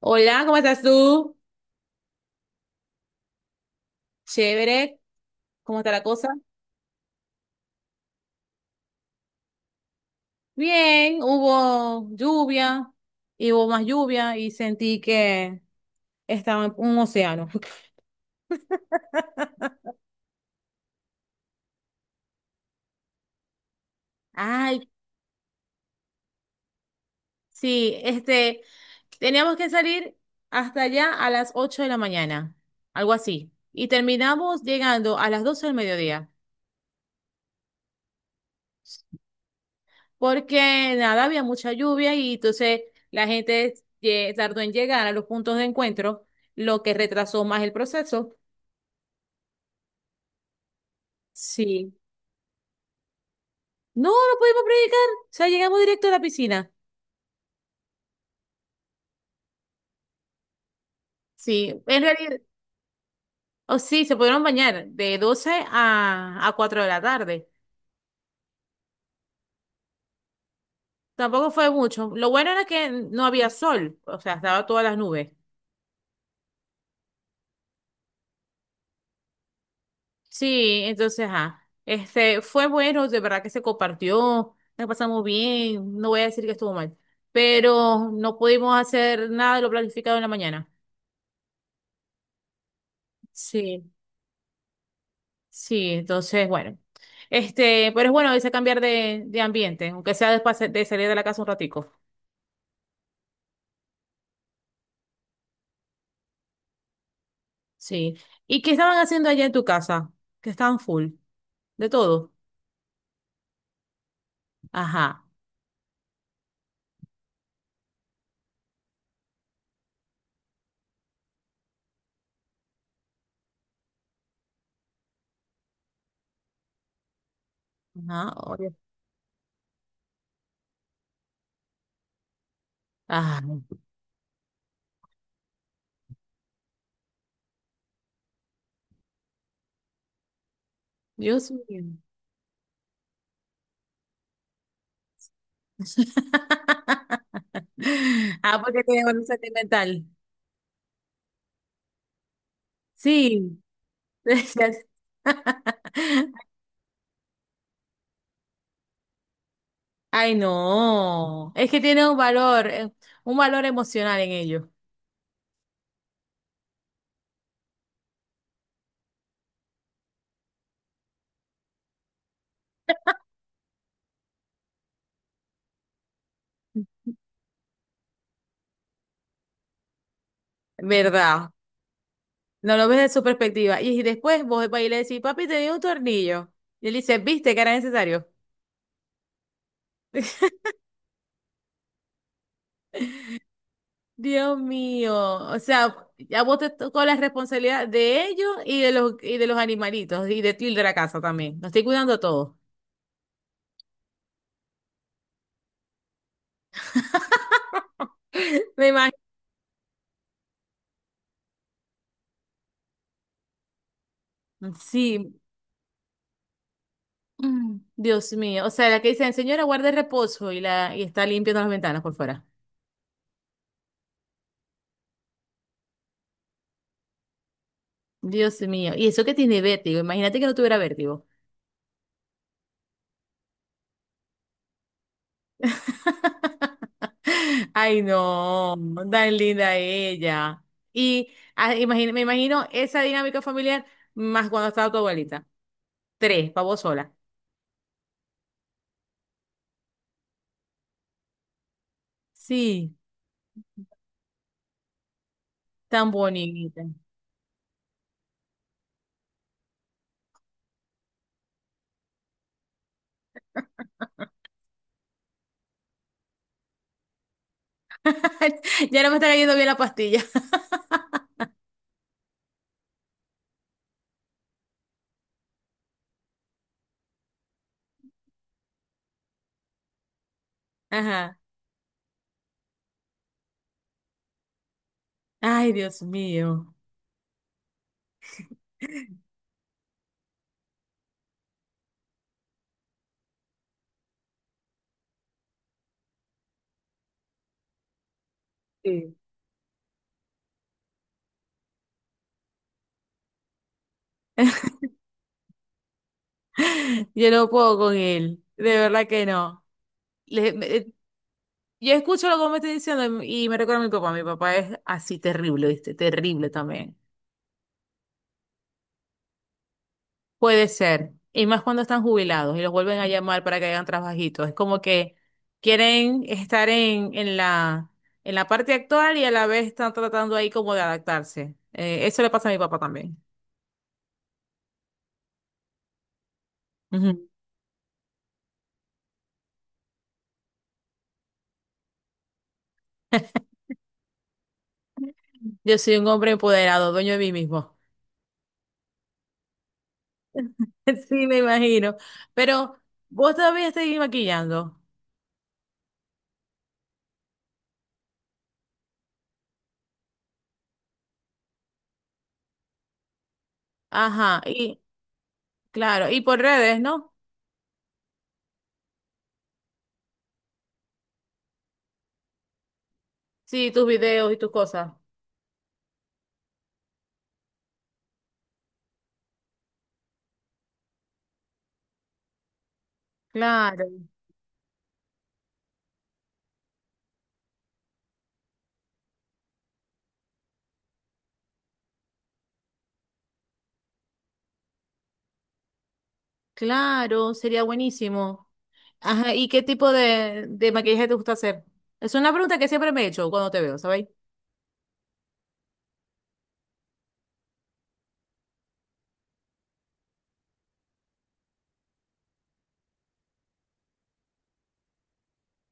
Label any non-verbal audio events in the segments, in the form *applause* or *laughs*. Hola, ¿cómo estás tú? Chévere, ¿cómo está la cosa? Bien, hubo lluvia, y hubo más lluvia y sentí que estaba en un océano. *laughs* Ay, sí, teníamos que salir hasta allá a las 8 de la mañana, algo así. Y terminamos llegando a las 12 del mediodía, porque nada, había mucha lluvia y entonces la gente tardó en llegar a los puntos de encuentro, lo que retrasó más el proceso. Sí. No, no pudimos predicar. O sea, llegamos directo a la piscina. Sí, en realidad, oh, sí, se pudieron bañar de 12 a 4 de la tarde. Tampoco fue mucho. Lo bueno era que no había sol, o sea, estaba todas las nubes. Sí, entonces, fue bueno, de verdad que se compartió, la pasamos bien, no voy a decir que estuvo mal, pero no pudimos hacer nada de lo planificado en la mañana. Sí. Sí, entonces, bueno. Este, pero es bueno a veces cambiar de ambiente, aunque sea después de salir de la casa un ratico. Sí. ¿Y qué estaban haciendo allá en tu casa? Que estaban full, de todo. Ajá. Ajá, oye. Ajá. Dios mío. *laughs* Ah, porque tiene un sentimental. Sí. *laughs* Ay, no. Es que tiene un valor emocional en ello. ¿Verdad? No lo ves de su perspectiva. Y después vos vas y le decís, papi, te dio un tornillo. Y él dice, ¿viste que era necesario? Dios mío. O sea, ya vos te tocó la responsabilidad de ellos y de los animalitos y de ti y de la casa también. Nos estoy cuidando todo. Me imagino. Sí. Mm, Dios mío. O sea, la que dicen, señora, guarde reposo y, la, y está limpiando las ventanas por fuera. Dios mío. Y eso que tiene vértigo. Imagínate que no tuviera vértigo. Ay, no, tan linda ella. Y me imagino esa dinámica familiar más cuando estaba tu abuelita. Tres, para vos sola. Sí, tan bonita. *laughs* Ya no me está cayendo bien la pastilla. *laughs* Ajá. Ay, Dios mío. Sí. Yo no puedo con él. De verdad que no. Le- me- eh, yo escucho lo que me está diciendo y me recuerda a mi papá. Mi papá es así terrible, ¿viste? Terrible también. Puede ser. Y más cuando están jubilados y los vuelven a llamar para que hagan trabajitos. Es como que quieren estar en la parte actual y a la vez están tratando ahí como de adaptarse. Eso le pasa a mi papá también. Ujú. Yo soy un hombre empoderado, dueño de mí mismo. *laughs* Sí, me imagino. Pero vos todavía seguís maquillando. Ajá. Y claro, y por redes, ¿no? Sí, tus videos y tus cosas. Claro. Claro, sería buenísimo. Ajá, ¿y qué tipo de maquillaje te gusta hacer? Es una pregunta que siempre me he hecho cuando te veo, ¿sabéis?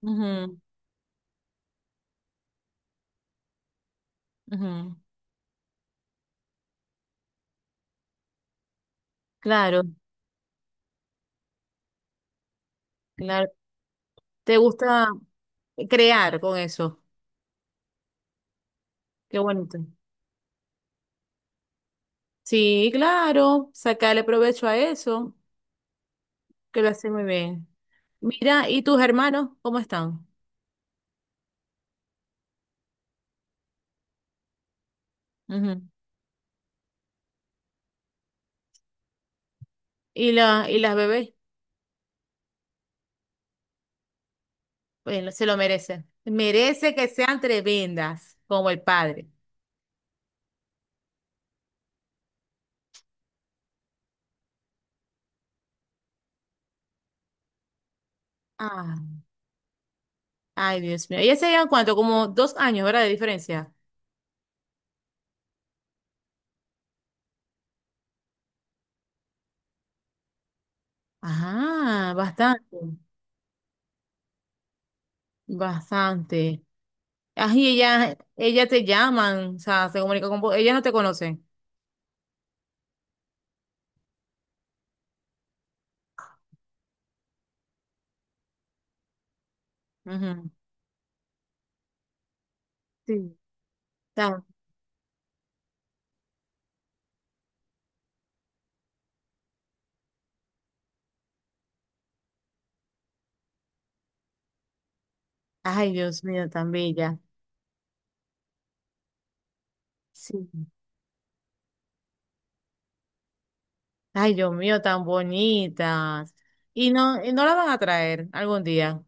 Ujú, ujú. Claro, claro. ¿Te gusta crear con eso? Qué bonito. Sí, claro, sacarle provecho a eso, que lo hace muy bien. Mira, ¿y tus hermanos cómo están? Ujú. ¿Y y las bebés? Bueno, se lo merecen. Merece que sean tremendas, como el padre. Ah. Ay, Dios mío. ¿Ella se llevan cuánto? Como dos años, ¿verdad? De diferencia. Ajá, bastante. Bastante. Ay, ella te llaman, o sea, se comunica con vos. Ella no te conoce. Ujú. Sí. Tan- Ay, Dios mío, tan bella. Sí. Ay, Dios mío, tan bonitas. Y no la van a traer algún día.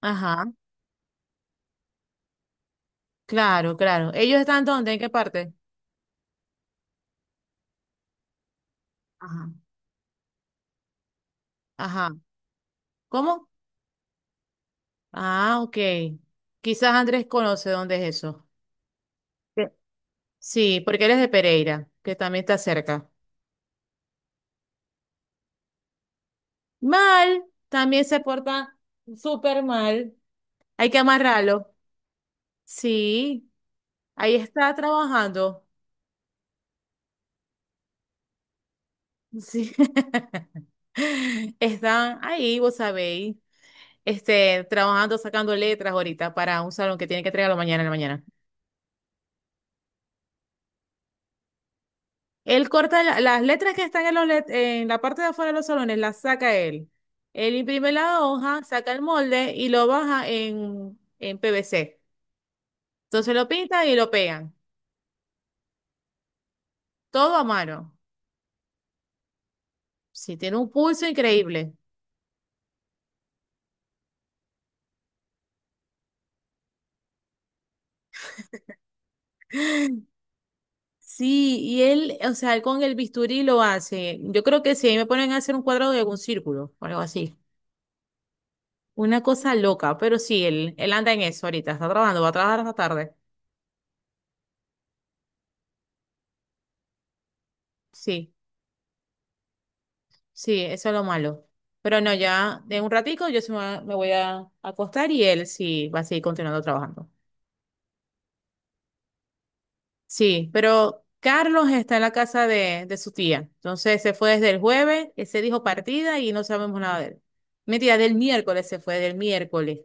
Ajá, claro, claro. ¿Ellos están dónde? ¿En qué parte? Ajá. Ajá. ¿Cómo? Ah, ok. Quizás Andrés conoce dónde es eso. Sí, porque eres de Pereira, que también está cerca. Mal, también se porta súper mal. Hay que amarrarlo. Sí, ahí está trabajando. Sí. *laughs* Están ahí, vos sabéis, este, trabajando, sacando letras ahorita para un salón que tiene que entregarlo mañana en la mañana. Él corta las letras que están en la parte de afuera de los salones, las saca él. Él imprime la hoja, saca el molde y lo baja en PVC. Entonces lo pintan y lo pegan. Todo a mano. Sí, tiene un pulso increíble. Sí, y él, o sea, él con el bisturí lo hace. Yo creo que sí, ahí me ponen a hacer un cuadrado de algún círculo o algo así. Una cosa loca, pero sí, él anda en eso ahorita, está trabajando, va a trabajar hasta tarde. Sí, sí, eso es lo malo. Pero no, ya de un ratico yo se me, me voy a acostar y él sí va a seguir continuando trabajando. Sí, pero Carlos está en la casa de su tía. Entonces se fue desde el jueves, se dijo partida y no sabemos nada de él. Mentira, del miércoles se fue, del miércoles.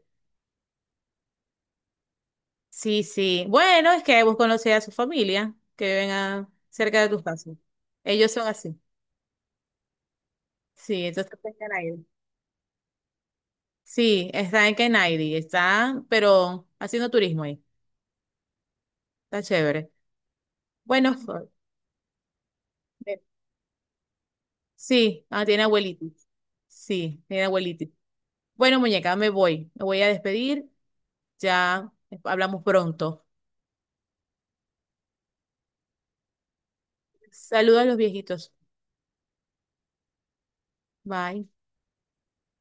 Sí, sí. Bueno, es que vos conocés a su familia, que viven a- cerca de tus casas. Ellos son así. Sí, entonces está en Canaima. Sí, está en Kenaidi, está, pero haciendo turismo ahí. Está chévere. Bueno, Flor, ve- sí, ah, tiene abuelitos. Sí, tiene abuelitos. Bueno, muñeca, me voy. Me voy a despedir. Ya hablamos pronto. Saludos a los viejitos. Bye.